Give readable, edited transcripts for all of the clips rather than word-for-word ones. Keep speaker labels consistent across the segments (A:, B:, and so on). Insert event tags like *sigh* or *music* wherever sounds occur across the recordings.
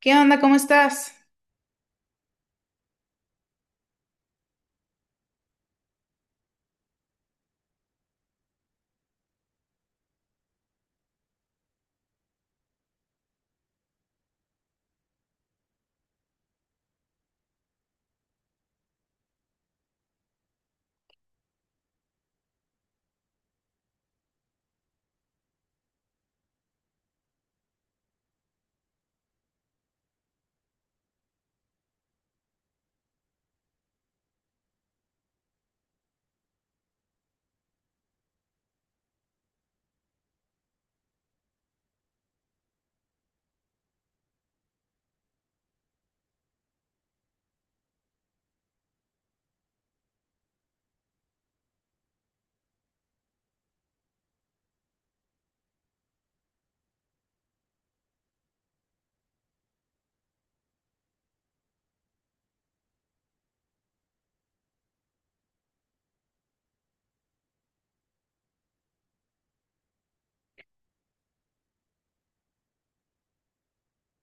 A: ¿Qué onda? ¿Cómo estás?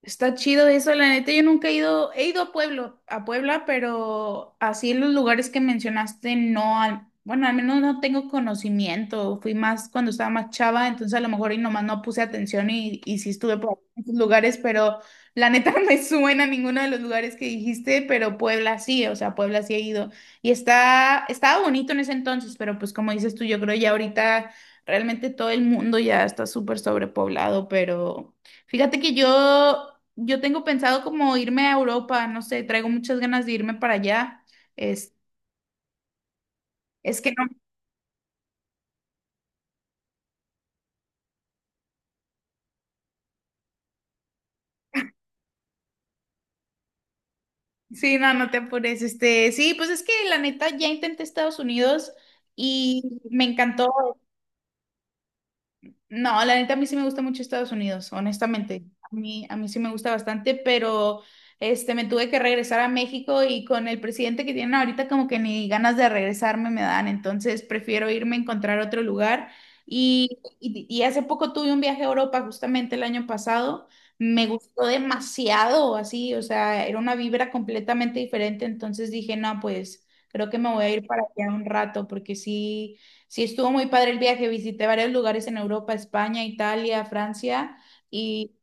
A: Está chido eso, la neta. Yo nunca he ido, he ido a Pueblo, a Puebla, pero así en los lugares que mencionaste, no, bueno, al menos no tengo conocimiento. Fui más cuando estaba más chava, entonces a lo mejor y nomás no puse atención y sí estuve por esos lugares, pero la neta *laughs* no me suena ninguno de los lugares que dijiste, pero Puebla sí, o sea, Puebla sí he ido, y estaba bonito en ese entonces, pero pues como dices tú, yo creo ya ahorita realmente todo el mundo ya está súper sobrepoblado, pero... Fíjate que yo tengo pensado como irme a Europa, no sé, traigo muchas ganas de irme para allá. Es, es que no, *laughs* Sí, no, no te apures. Este, sí, pues es que la neta ya intenté Estados Unidos y me encantó. No, la neta a mí sí me gusta mucho Estados Unidos, honestamente. A mí sí me gusta bastante, pero este, me tuve que regresar a México y con el presidente que tienen ahorita como que ni ganas de regresarme me dan, entonces prefiero irme a encontrar otro lugar. Y hace poco tuve un viaje a Europa, justamente el año pasado. Me gustó demasiado, así, o sea, era una vibra completamente diferente, entonces dije, no, pues creo que me voy a ir para allá un rato porque sí. Sí, estuvo muy padre el viaje. Visité varios lugares en Europa, España, Italia, Francia y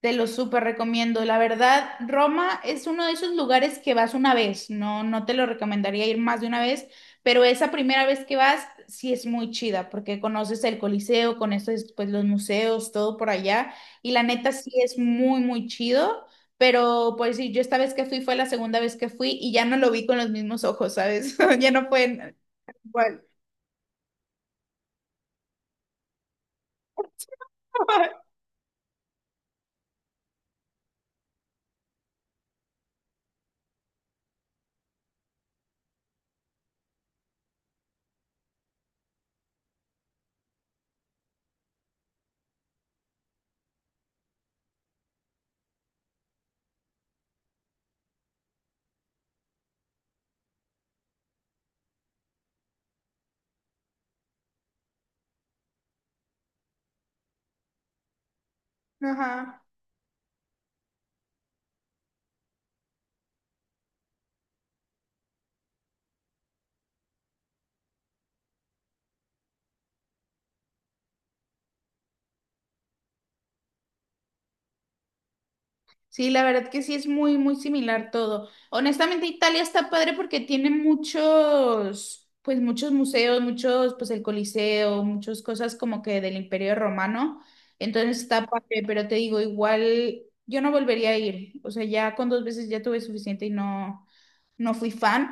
A: te lo súper recomiendo. La verdad, Roma es uno de esos lugares que vas una vez. No, no te lo recomendaría ir más de una vez, pero esa primera vez que vas sí es muy chida porque conoces el Coliseo, conoces pues los museos, todo por allá y la neta sí es muy chido. Pero pues sí, yo esta vez que fui fue la segunda vez que fui y ya no lo vi con los mismos ojos, ¿sabes? *laughs* Ya no fue igual. *laughs* Ajá. Sí, la verdad que sí es muy similar todo. Honestamente, Italia está padre porque tiene muchos, pues muchos museos, muchos, pues el Coliseo, muchas cosas como que del Imperio Romano. Entonces está padre, pero te digo, igual yo no volvería a ir. O sea, ya con dos veces ya tuve suficiente y no fui fan,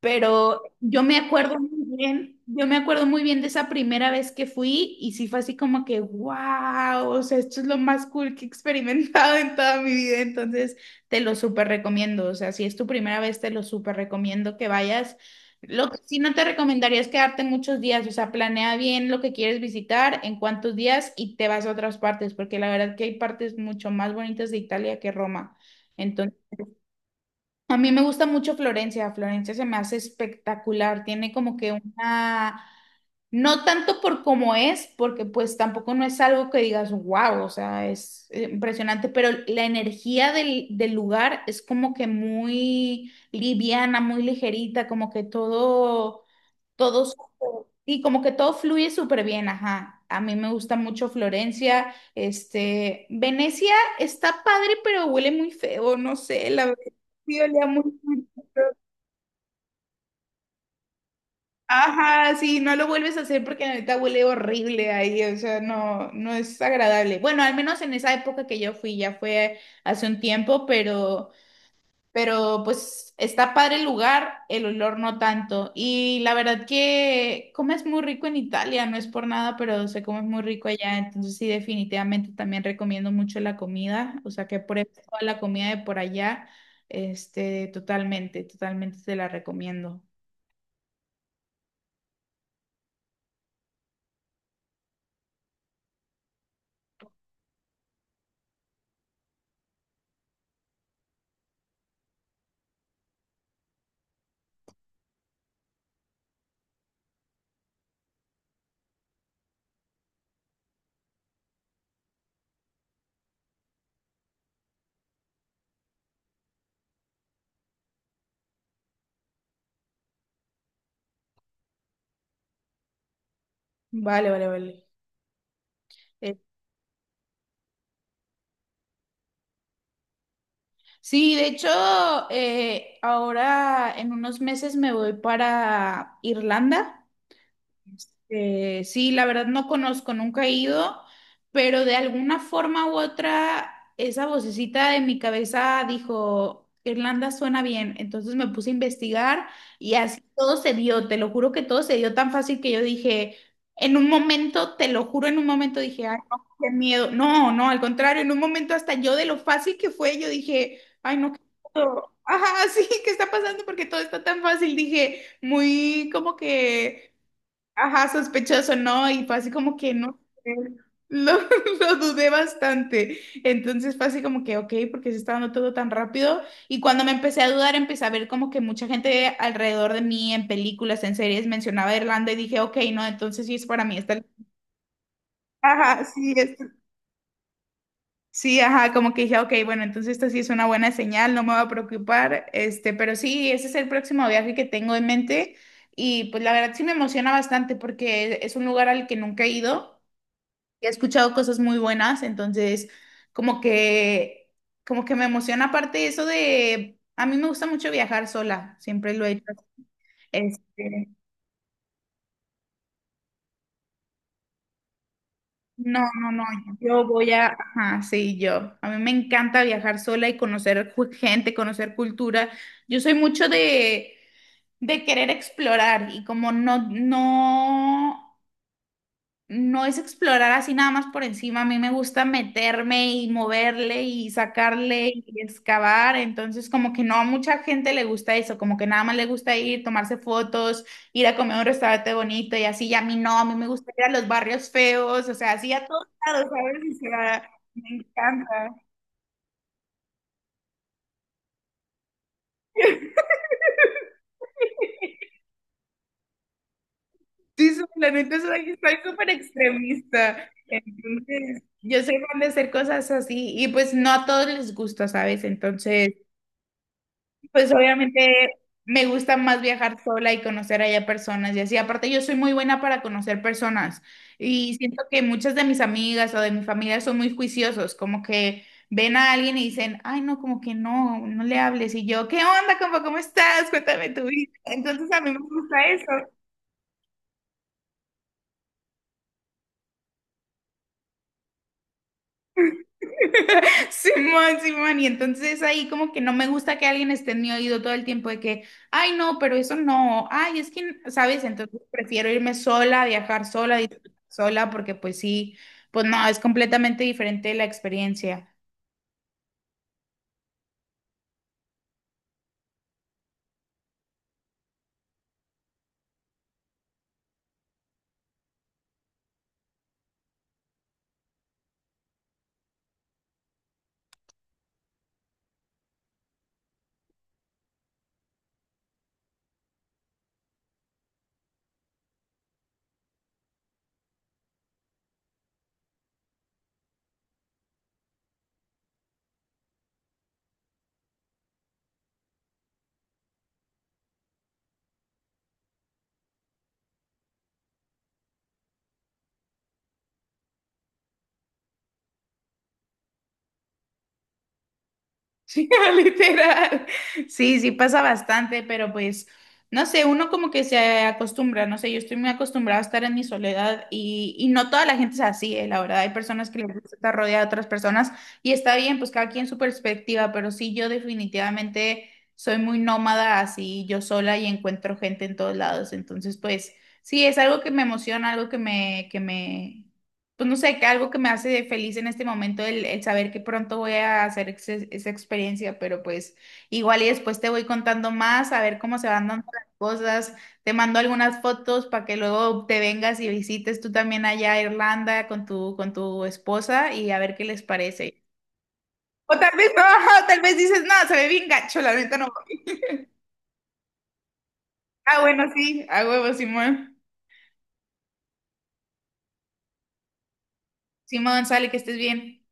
A: pero yo me acuerdo muy bien, yo me acuerdo muy bien de esa primera vez que fui y sí fue así como que, wow, o sea, esto es lo más cool que he experimentado en toda mi vida. Entonces te lo súper recomiendo, o sea, si es tu primera vez, te lo súper recomiendo que vayas. Lo que sí no te recomendaría es quedarte muchos días, o sea, planea bien lo que quieres visitar, en cuántos días y te vas a otras partes, porque la verdad que hay partes mucho más bonitas de Italia que Roma. A mí me gusta mucho Florencia. Florencia se me hace espectacular, tiene como que una, no tanto por cómo es, porque pues tampoco no es algo que digas, wow, o sea, es impresionante, pero la energía del lugar es como que muy liviana, muy ligerita, como que todo y como que todo fluye súper bien, ajá. A mí me gusta mucho Florencia. Este, Venecia está padre, pero huele muy feo, no sé, la verdad. Sí, olía muy muy. Ajá, sí, no lo vuelves a hacer porque la neta huele horrible ahí, o sea, no, no es agradable. Bueno, al menos en esa época que yo fui, ya fue hace un tiempo, pero pues está padre el lugar, el olor no tanto. Y la verdad que comes muy rico en Italia, no es por nada, pero se come muy rico allá. Entonces sí, definitivamente también recomiendo mucho la comida. O sea, que pruebes toda la comida de por allá. Este, totalmente te la recomiendo. Vale, vale, vale. Eh, sí, de hecho, ahora en unos meses me voy para Irlanda. Sí, la verdad no conozco, nunca he ido, pero de alguna forma u otra, esa vocecita de mi cabeza dijo, Irlanda suena bien. Entonces me puse a investigar y así todo se dio, te lo juro que todo se dio tan fácil que yo dije, en un momento, te lo juro, en un momento dije, ay, no, qué miedo. No, no, al contrario, en un momento hasta yo de lo fácil que fue, yo dije, ay, no, qué miedo. Ajá, *laughs* sí, ¿qué está pasando? Porque todo está tan fácil, dije, muy como que. Ajá, sospechoso, ¿no? Y fue así como que no sé, lo, *laughs* lo dudé bastante. Entonces fue así como que, ok, porque se está dando todo tan rápido. Y cuando me empecé a dudar, empecé a ver como que mucha gente alrededor de mí en películas, en series, mencionaba Irlanda y dije, ok, no, entonces sí es para mí. Esta... Ajá, sí, es- sí, ajá, como que dije, ok, bueno, entonces esta sí es una buena señal, no me va a preocupar. Este, pero sí, ese es el próximo viaje que tengo en mente. Y pues la verdad sí me emociona bastante porque es un lugar al que nunca he ido. He escuchado cosas muy buenas, entonces como que, como que me emociona. Aparte eso de, a mí me gusta mucho viajar sola, siempre lo he hecho. Este, no, ajá, sí, yo. A mí me encanta viajar sola y conocer gente, conocer cultura. Yo soy mucho de querer explorar y como no, no es explorar así nada más por encima. A mí me gusta meterme y moverle y sacarle y excavar. Entonces, como que no a mucha gente le gusta eso, como que nada más le gusta ir, tomarse fotos, ir a comer a un restaurante bonito y así. Y a mí no, a mí me gusta ir a los barrios feos, o sea, así a todos lados, ¿sabes? O sea, me encanta. La neta soy súper extremista. Entonces, yo soy fan de hacer cosas así y pues no a todos les gusta, ¿sabes? Entonces... Pues obviamente me gusta más viajar sola y conocer allá personas y así. Aparte, yo soy muy buena para conocer personas y siento que muchas de mis amigas o de mi familia son muy juiciosos, como que ven a alguien y dicen, ay, no, como que no, no le hables. Y yo, ¿qué onda, compa? ¿Cómo estás? Cuéntame tu vida. Entonces, a mí me gusta eso. *laughs* Simón, Simón, y entonces ahí como que no me gusta que alguien esté en mi oído todo el tiempo de que, ay, no, pero eso no, ay, es que, ¿sabes? Entonces prefiero irme sola, viajar sola, disfrutar sola, porque pues sí, pues no, es completamente diferente la experiencia. Sí, *laughs* literal. Sí, sí pasa bastante, pero pues, no sé, uno como que se acostumbra, no sé, yo estoy muy acostumbrada a estar en mi soledad y no toda la gente es así, la verdad, hay personas que les gusta estar rodeada de otras personas y está bien, pues cada quien su perspectiva, pero sí, yo definitivamente soy muy nómada así, yo sola y encuentro gente en todos lados, entonces pues, sí, es algo que me emociona, algo pues no sé, que algo que me hace de feliz en este momento, el saber que pronto voy a hacer esa experiencia, pero pues igual y después te voy contando más, a ver cómo se van dando las cosas. Te mando algunas fotos para que luego te vengas y visites tú también allá a Irlanda con con tu esposa y a ver qué les parece. O tal vez no, *laughs* tal vez dices, no, se ve bien gacho, la neta no. Ah, bueno, sí, a huevo, Simón. Simón, sale, que estés bien.